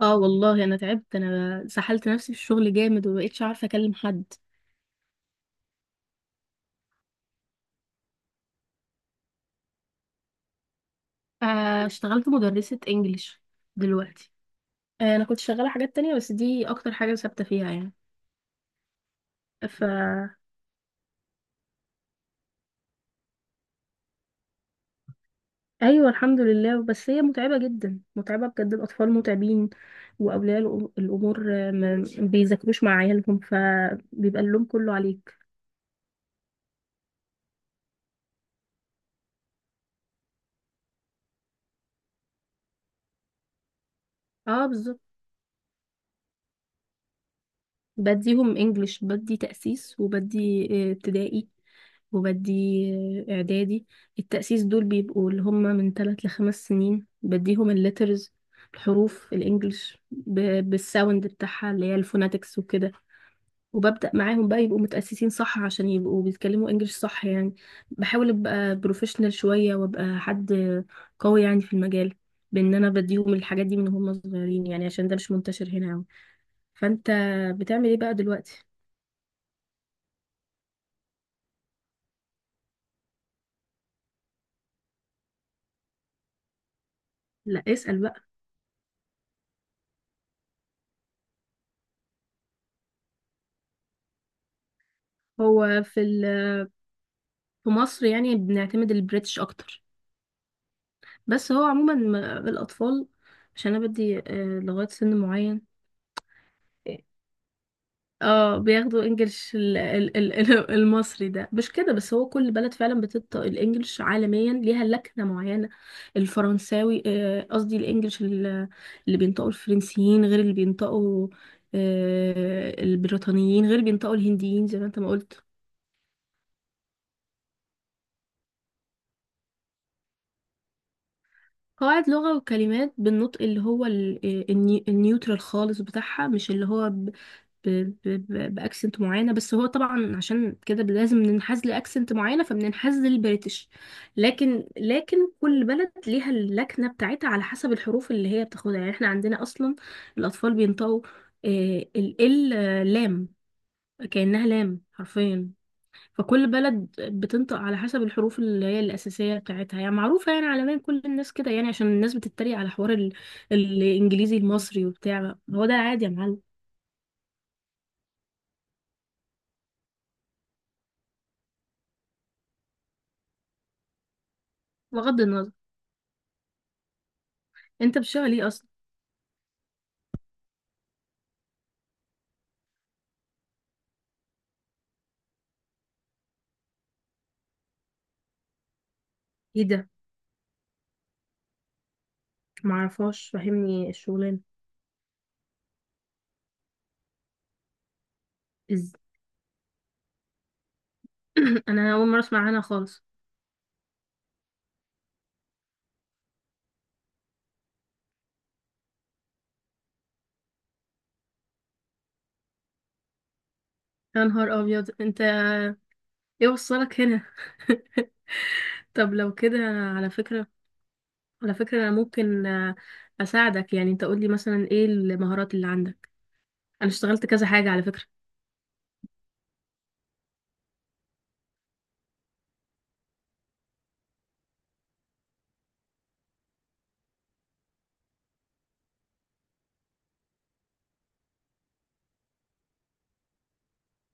اه والله انا تعبت، انا سحلت نفسي في الشغل جامد ومبقتش عارفه اكلم حد. اشتغلت مدرسه انجليش دلوقتي. انا كنت شغاله حاجات تانية، بس دي اكتر حاجه ثابته فيها يعني. ف ايوه الحمد لله، بس هي متعبه جدا، متعبه بجد. الاطفال متعبين، واولياء الامور، ما بيذاكروش مع عيالهم، فبيبقى اللوم كله عليك. اه بالظبط. بديهم انجليش، بدي تأسيس، وبدي ابتدائي، وبدي اعدادي. التأسيس دول بيبقوا اللي هم من ثلاث لخمس سنين، بديهم الليترز، الحروف الانجليش بالساوند بتاعها، اللي هي الفوناتكس وكده. وببدأ معاهم بقى يبقوا متأسسين صح، عشان يبقوا بيتكلموا انجليش صح يعني. بحاول ابقى بروفيشنال شوية وابقى حد قوي يعني في المجال. بان انا بديهم الحاجات دي من هم صغيرين يعني، عشان ده مش منتشر هنا أوي. فانت بتعمل ايه بقى دلوقتي؟ لا اسأل بقى. هو في مصر يعني بنعتمد البريتش اكتر، بس هو عموما الاطفال، عشان انا بدي لغاية سن معين. اه بياخدوا انجلش المصري، ده مش كده، بس هو كل بلد فعلا بتطبق الانجلش عالميا، ليها لكنة معينة. الفرنساوي، قصدي الانجلش، اللي بينطقوا الفرنسيين غير اللي بينطقوا البريطانيين، غير اللي بينطقوا الهنديين زي ما انت ما قلت. قواعد لغة وكلمات بالنطق اللي هو النيوترال خالص بتاعها، مش اللي هو بأكسنت معينة، بس هو طبعا عشان كده لازم ننحاز لأكسنت معينة، فبننحاز للبريتش. لكن كل بلد ليها اللكنة بتاعتها على حسب الحروف اللي هي بتاخدها. يعني احنا عندنا أصلا الأطفال بينطقوا آه، ال لام كأنها لام حرفيا. فكل بلد بتنطق على حسب الحروف اللي هي الأساسية بتاعتها، يعني معروفة يعني عالميا كل الناس كده، يعني عشان الناس بتتريق على حوار الإنجليزي المصري وبتاع. هو ده عادي يا معلم. بغض النظر. أنت بتشتغل إيه أصلا؟ إيه ده؟ معرفهاش، فاهمني الشغلانة. إز أنا أول مرة أسمع عنها خالص. يا نهار أبيض أنت. إيه وصلك هنا؟ طب لو كده. على فكرة، على فكرة أنا ممكن أساعدك. يعني أنت قولي مثلا إيه المهارات اللي عندك؟ أنا اشتغلت كذا حاجة على فكرة.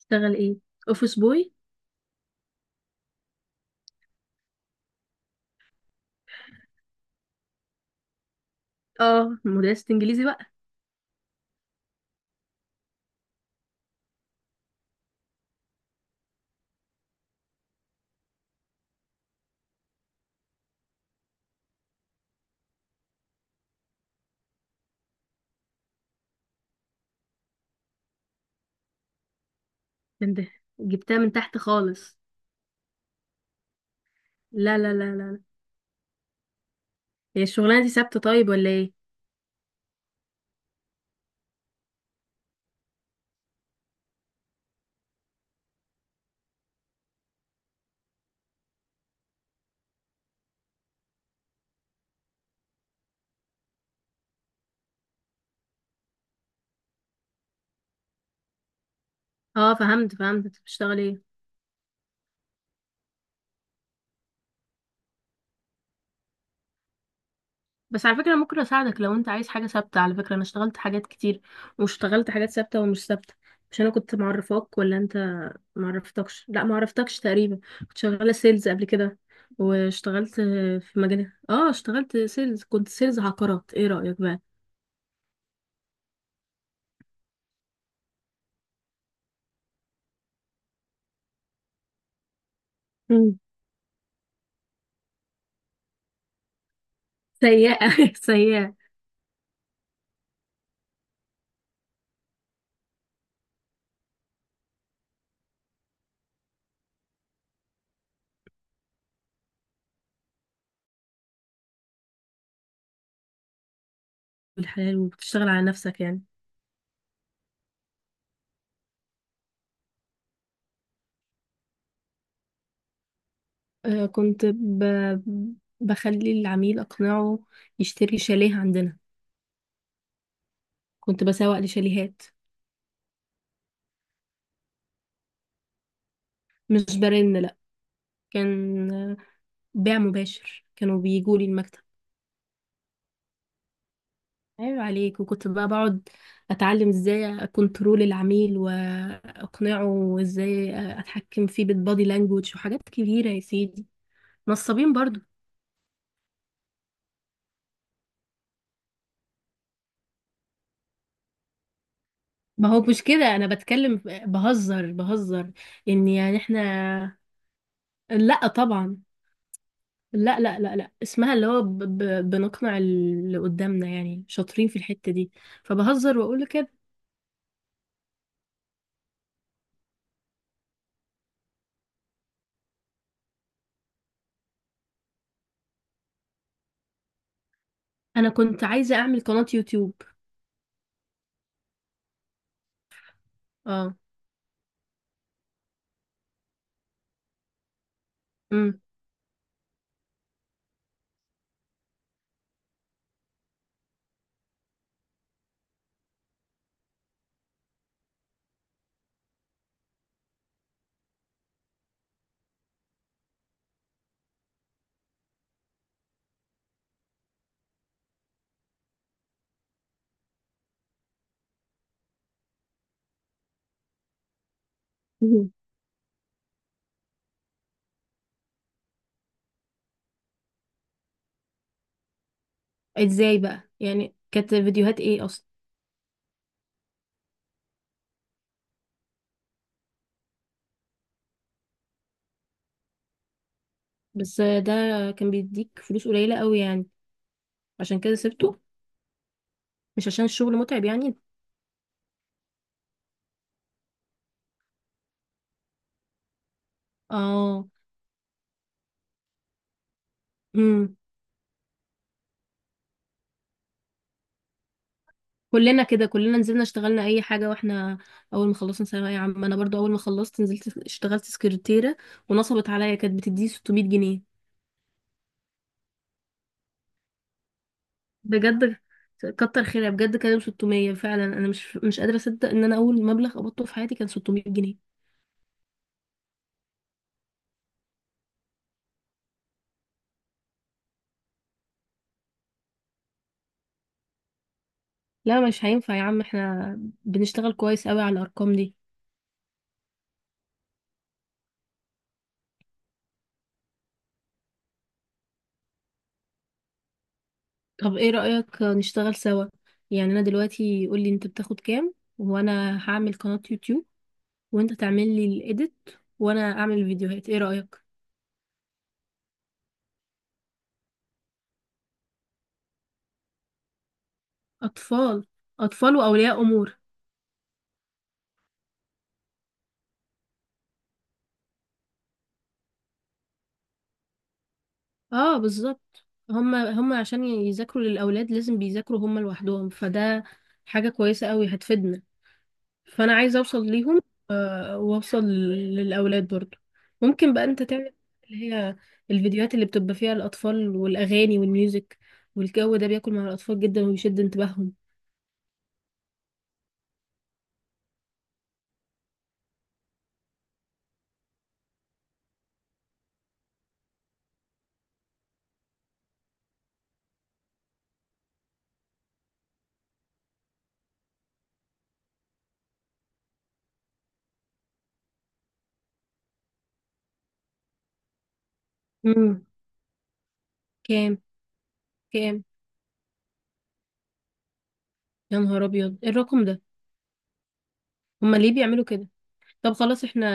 اشتغل إيه؟ أوفيس بوي. اه مدرسة انجليزي بقى. انت جبتها من تحت خالص. لا لا لا لا لا. هي الشغلانة دي ثابتة طيب ولا ايه؟ اه فهمت فهمت، انت بتشتغل ايه؟ بس على فكرة ممكن اساعدك لو انت عايز حاجة ثابتة، على فكرة انا اشتغلت حاجات كتير، واشتغلت حاجات ثابتة ومش ثابتة. مش انا كنت معرفاك ولا انت معرفتكش، لا معرفتكش تقريبا. كنت شغالة سيلز قبل كده، واشتغلت في مجال، اه اشتغلت سيلز، كنت سيلز عقارات. ايه رأيك بقى؟ مم. سيئة، سيئة. بالحلال وبتشتغل على نفسك يعني. كنت بخلي العميل أقنعه يشتري شاليه عندنا. كنت بسوق لشاليهات. مش برن لأ، كان بيع مباشر، كانوا بيجوا لي المكتب. عيب عليك. وكنت بقى بقعد أتعلم ازاي أكنترول العميل وأقنعه، وازاي أتحكم فيه بالبادي لانجوج وحاجات كبيرة يا سيدي. نصابين برضو. ما هو مش كده، أنا بتكلم بهزر بهزر. إن يعني احنا. لأ طبعا. لا لا لا لا، اسمها اللي هو بنقنع اللي قدامنا، يعني شاطرين في الحتة دي، فبهزر واقول له كده. انا كنت عايزة اعمل قناة يوتيوب. اه. امم. مهم. ازاي بقى؟ يعني كانت فيديوهات ايه اصلا؟ بس ده كان بيديك فلوس قليلة قوي يعني، عشان كده سبته؟ مش عشان الشغل متعب يعني؟ اه. امم. كلنا كده، كلنا نزلنا اشتغلنا اي حاجة. واحنا اول ما خلصنا ثانوية عامة، انا برضو اول ما خلصت نزلت اشتغلت سكرتيرة، ونصبت عليا، كانت بتديني 600 جنيه. بجد كتر خيرها بجد، كانوا 600 فعلا، انا مش مش قادره اصدق ان انا اول مبلغ قبضته في حياتي كان 600 جنيه. لا مش هينفع يا عم، احنا بنشتغل كويس قوي على الارقام دي. طب ايه رايك نشتغل سوا؟ يعني انا دلوقتي قول لي انت بتاخد كام، وانا هعمل قناه يوتيوب وانت تعمل لي الايديت وانا اعمل الفيديوهات. ايه رايك؟ اطفال. اطفال واولياء امور. اه بالظبط، هما هما عشان يذاكروا للاولاد، لازم بيذاكروا هما لوحدهم، فده حاجة كويسة قوي هتفيدنا، فانا عايزه اوصل ليهم، واوصل للاولاد برضو. ممكن بقى انت تعمل اللي هي الفيديوهات اللي بتبقى فيها الاطفال والاغاني والميوزك، والجو ده بياكل مع الاطفال جدا وبيشد انتباههم. امم. كام؟ كام؟ يا نهار ابيض، إيه الرقم ده؟ هما ليه بيعملوا كده؟ طب خلاص احنا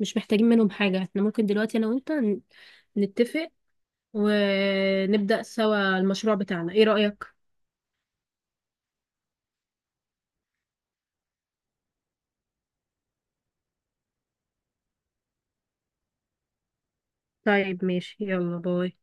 مش محتاجين منهم حاجه، احنا ممكن دلوقتي انا وانت نتفق ونبدا سوا المشروع بتاعنا. ايه رايك؟ طيب ماشي، يلا باي.